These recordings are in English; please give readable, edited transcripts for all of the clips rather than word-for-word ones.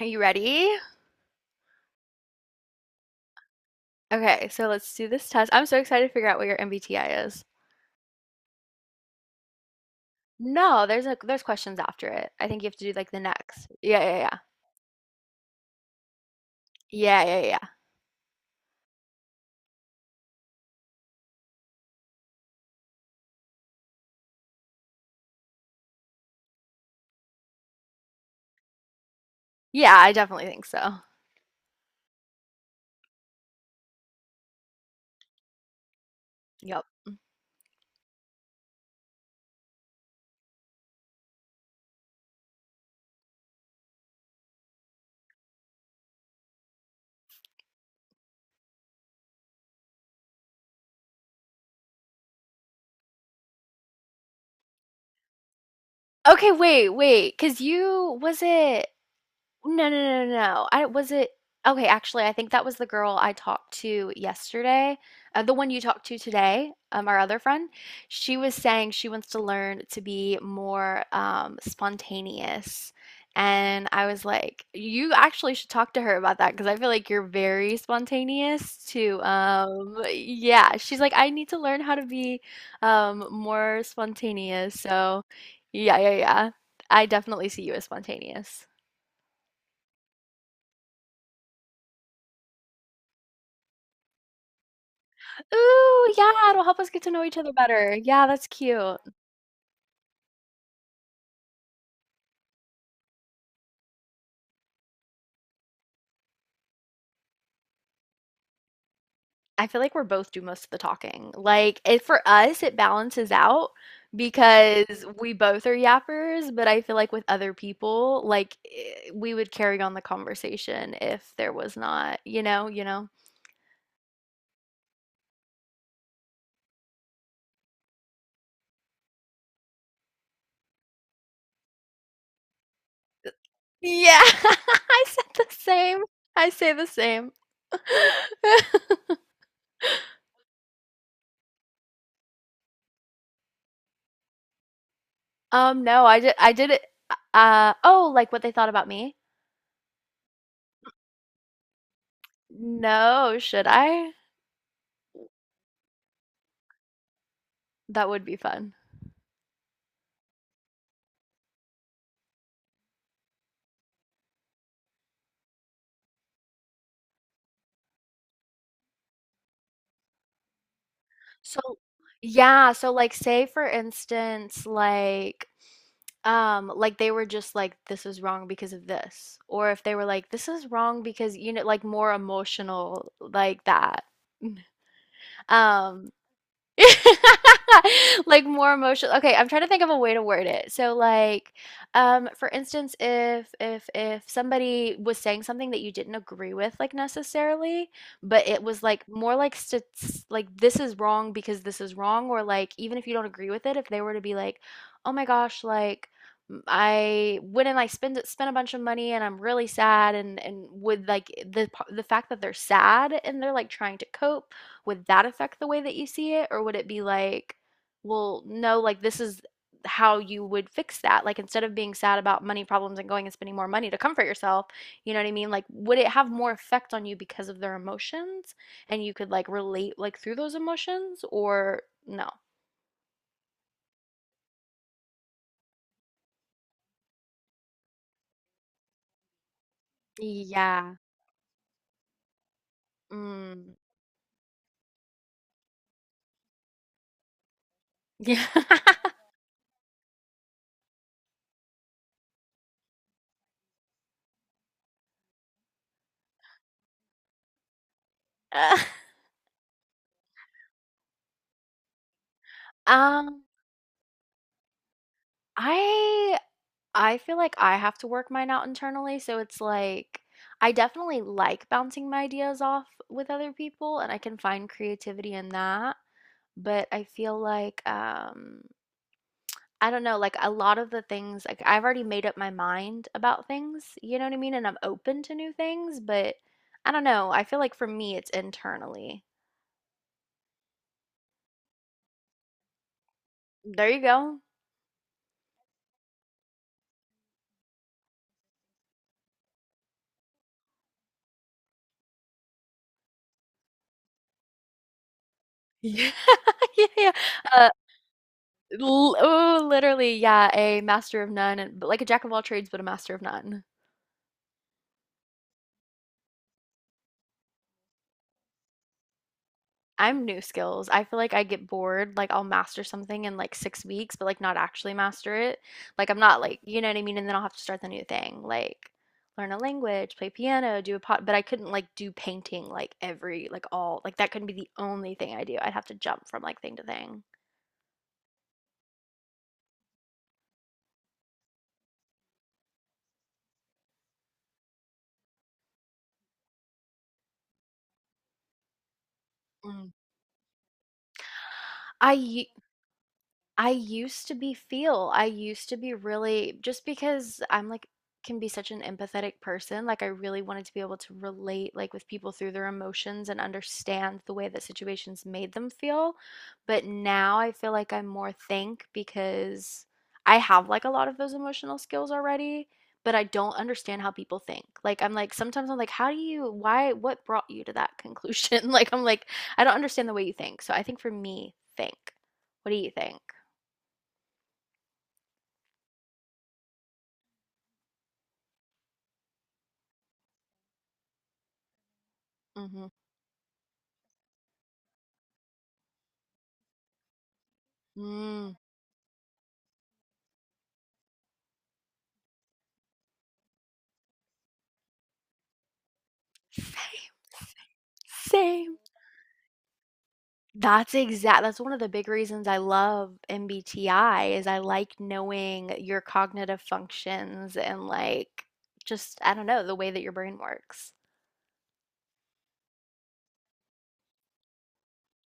Are you ready? Okay, so let's do this test. I'm so excited to figure out what your MBTI is. No, there's questions after it. I think you have to do like the next. Yeah, yeah, yeah. Yeah, yeah, yeah. Yeah, I definitely think so. Yep. Okay, wait, wait, because you was it. No, no, no, no, no. I was it. Okay, actually, I think that was the girl I talked to yesterday. The one you talked to today, our other friend. She was saying she wants to learn to be more spontaneous. And I was like, you actually should talk to her about that because I feel like you're very spontaneous too. Yeah, she's like, I need to learn how to be more spontaneous. So, yeah, yeah, yeah. I definitely see you as spontaneous. Ooh, yeah, it'll help us get to know each other better. Yeah, that's cute. I feel like we're both do most of the talking. Like, it for us, it balances out because we both are yappers, but I feel like with other people, like eh, we would carry on the conversation if there was not, you know, you know. Yeah, I said the same. I say the same. No, I did it. Oh, like what they thought about me? No, should I? That would be fun. So, yeah, so like say for instance, like they were just like this is wrong because of this or if they were like this is wrong because you know like more emotional like that. Um like more emotional. Okay, I'm trying to think of a way to word it. So like for instance if somebody was saying something that you didn't agree with like necessarily, but it was like more like like this is wrong because this is wrong or like even if you don't agree with it if they were to be like, "Oh my gosh, like I went and I spent a bunch of money and I'm really sad and would like the the fact that they're sad and they're like trying to cope would that affect the way that you see it? Or would it be like, well, no, like this is how you would fix that? Like instead of being sad about money problems and going and spending more money to comfort yourself, you know what I mean? Like, would it have more effect on you because of their emotions and you could like relate like through those emotions or no? Yeah. Mm. Yeah. Um, I I feel like I have to work mine out internally, so it's like I definitely like bouncing my ideas off with other people and I can find creativity in that, but I feel like I don't know, like a lot of the things like I've already made up my mind about things, you know what I mean? And I'm open to new things, but I don't know, I feel like for me it's internally. There you go. Yeah, yeah, yeah. Uh, l oh, literally, yeah, a master of none, and, but like a jack of all trades, but a master of none. I'm new skills. I feel like I get bored. Like I'll master something in like 6 weeks, but like not actually master it. Like I'm not like, you know what I mean? And then I'll have to start the new thing. Like learn a language, play piano, do a pot, but I couldn't like do painting like every, like all, like that couldn't be the only thing I do. I'd have to jump from like thing to thing. Mm. I I used to be feel. I used to be really just because I'm like can be such an empathetic person, like I really wanted to be able to relate like with people through their emotions and understand the way that situations made them feel. But now I feel like I'm more think because I have like a lot of those emotional skills already, but I don't understand how people think. Like I'm like sometimes I'm like how do you why what brought you to that conclusion? Like I'm like I don't understand the way you think. So I think for me, think. What do you think? Mhm. Mm. Same. Same. That's exact. That's one of the big reasons I love MBTI is I like knowing your cognitive functions and like just I don't know the way that your brain works.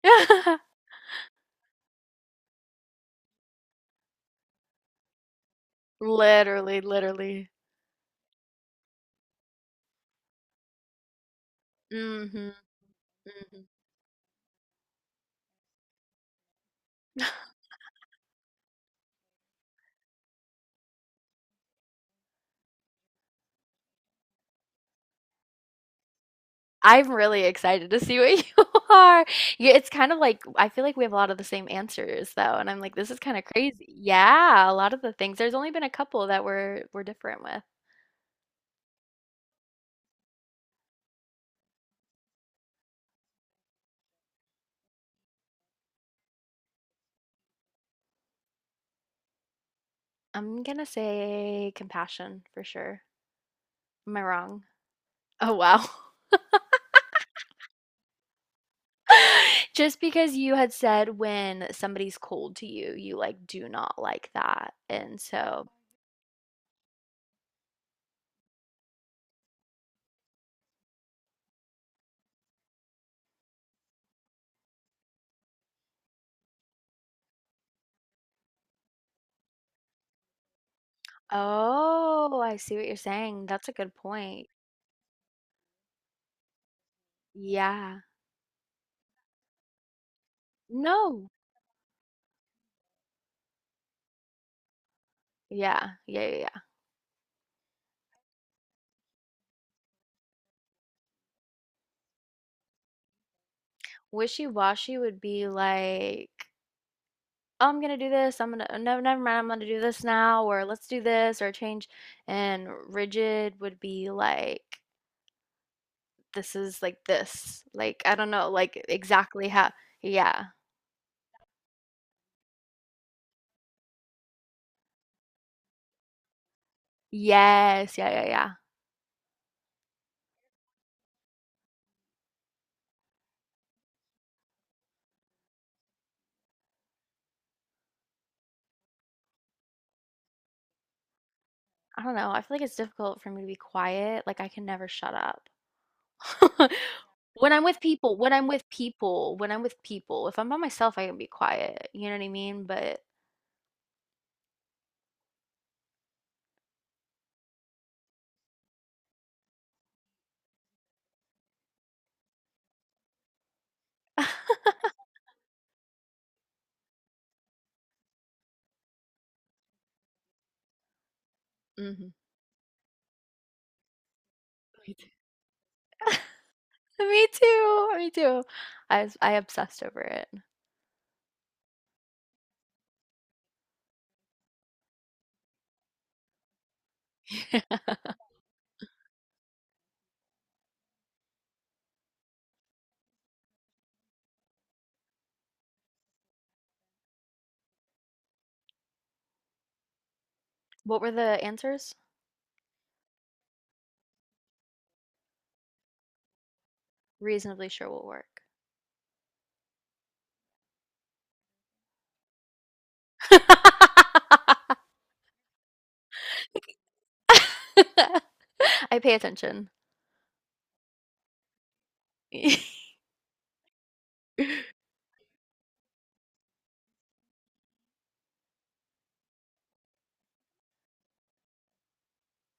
Literally, literally. Hmm. Hmm. I'm really excited to see what you are. Yeah, it's kind of like I feel like we have a lot of the same answers though, and I'm like, this is kind of crazy. Yeah, a lot of the things. There's only been a couple that we're different with. I'm gonna say compassion for sure. Am I wrong? Oh, wow. Just because you had said when somebody's cold to you, you like do not like that. And so, oh, I see what you're saying. That's a good point. Yeah. No. Yeah. Yeah. Yeah. Yeah. Wishy-washy would be like, oh, I'm gonna do this. I'm gonna, no, never mind. I'm gonna do this now, or let's do this, or change. And rigid would be like, this is like this. Like, I don't know, like exactly how yeah. Yes, yeah, yeah, yeah. I don't know. I feel like it's difficult for me to be quiet. Like I can never shut up. When I'm with people, when I'm with people, when I'm with people, if I'm by myself, I can be quiet. You know what I mean? But mhm. Me too. Me too. Me too. I obsessed over it. What were the answers? Reasonably sure will work. I pay attention.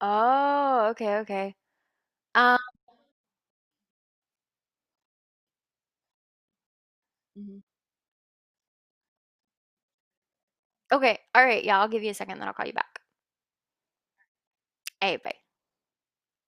Oh, okay, okay. Um, mhm. Okay. All right. Yeah, I'll give you a second, then I'll call you back. Hey, bye.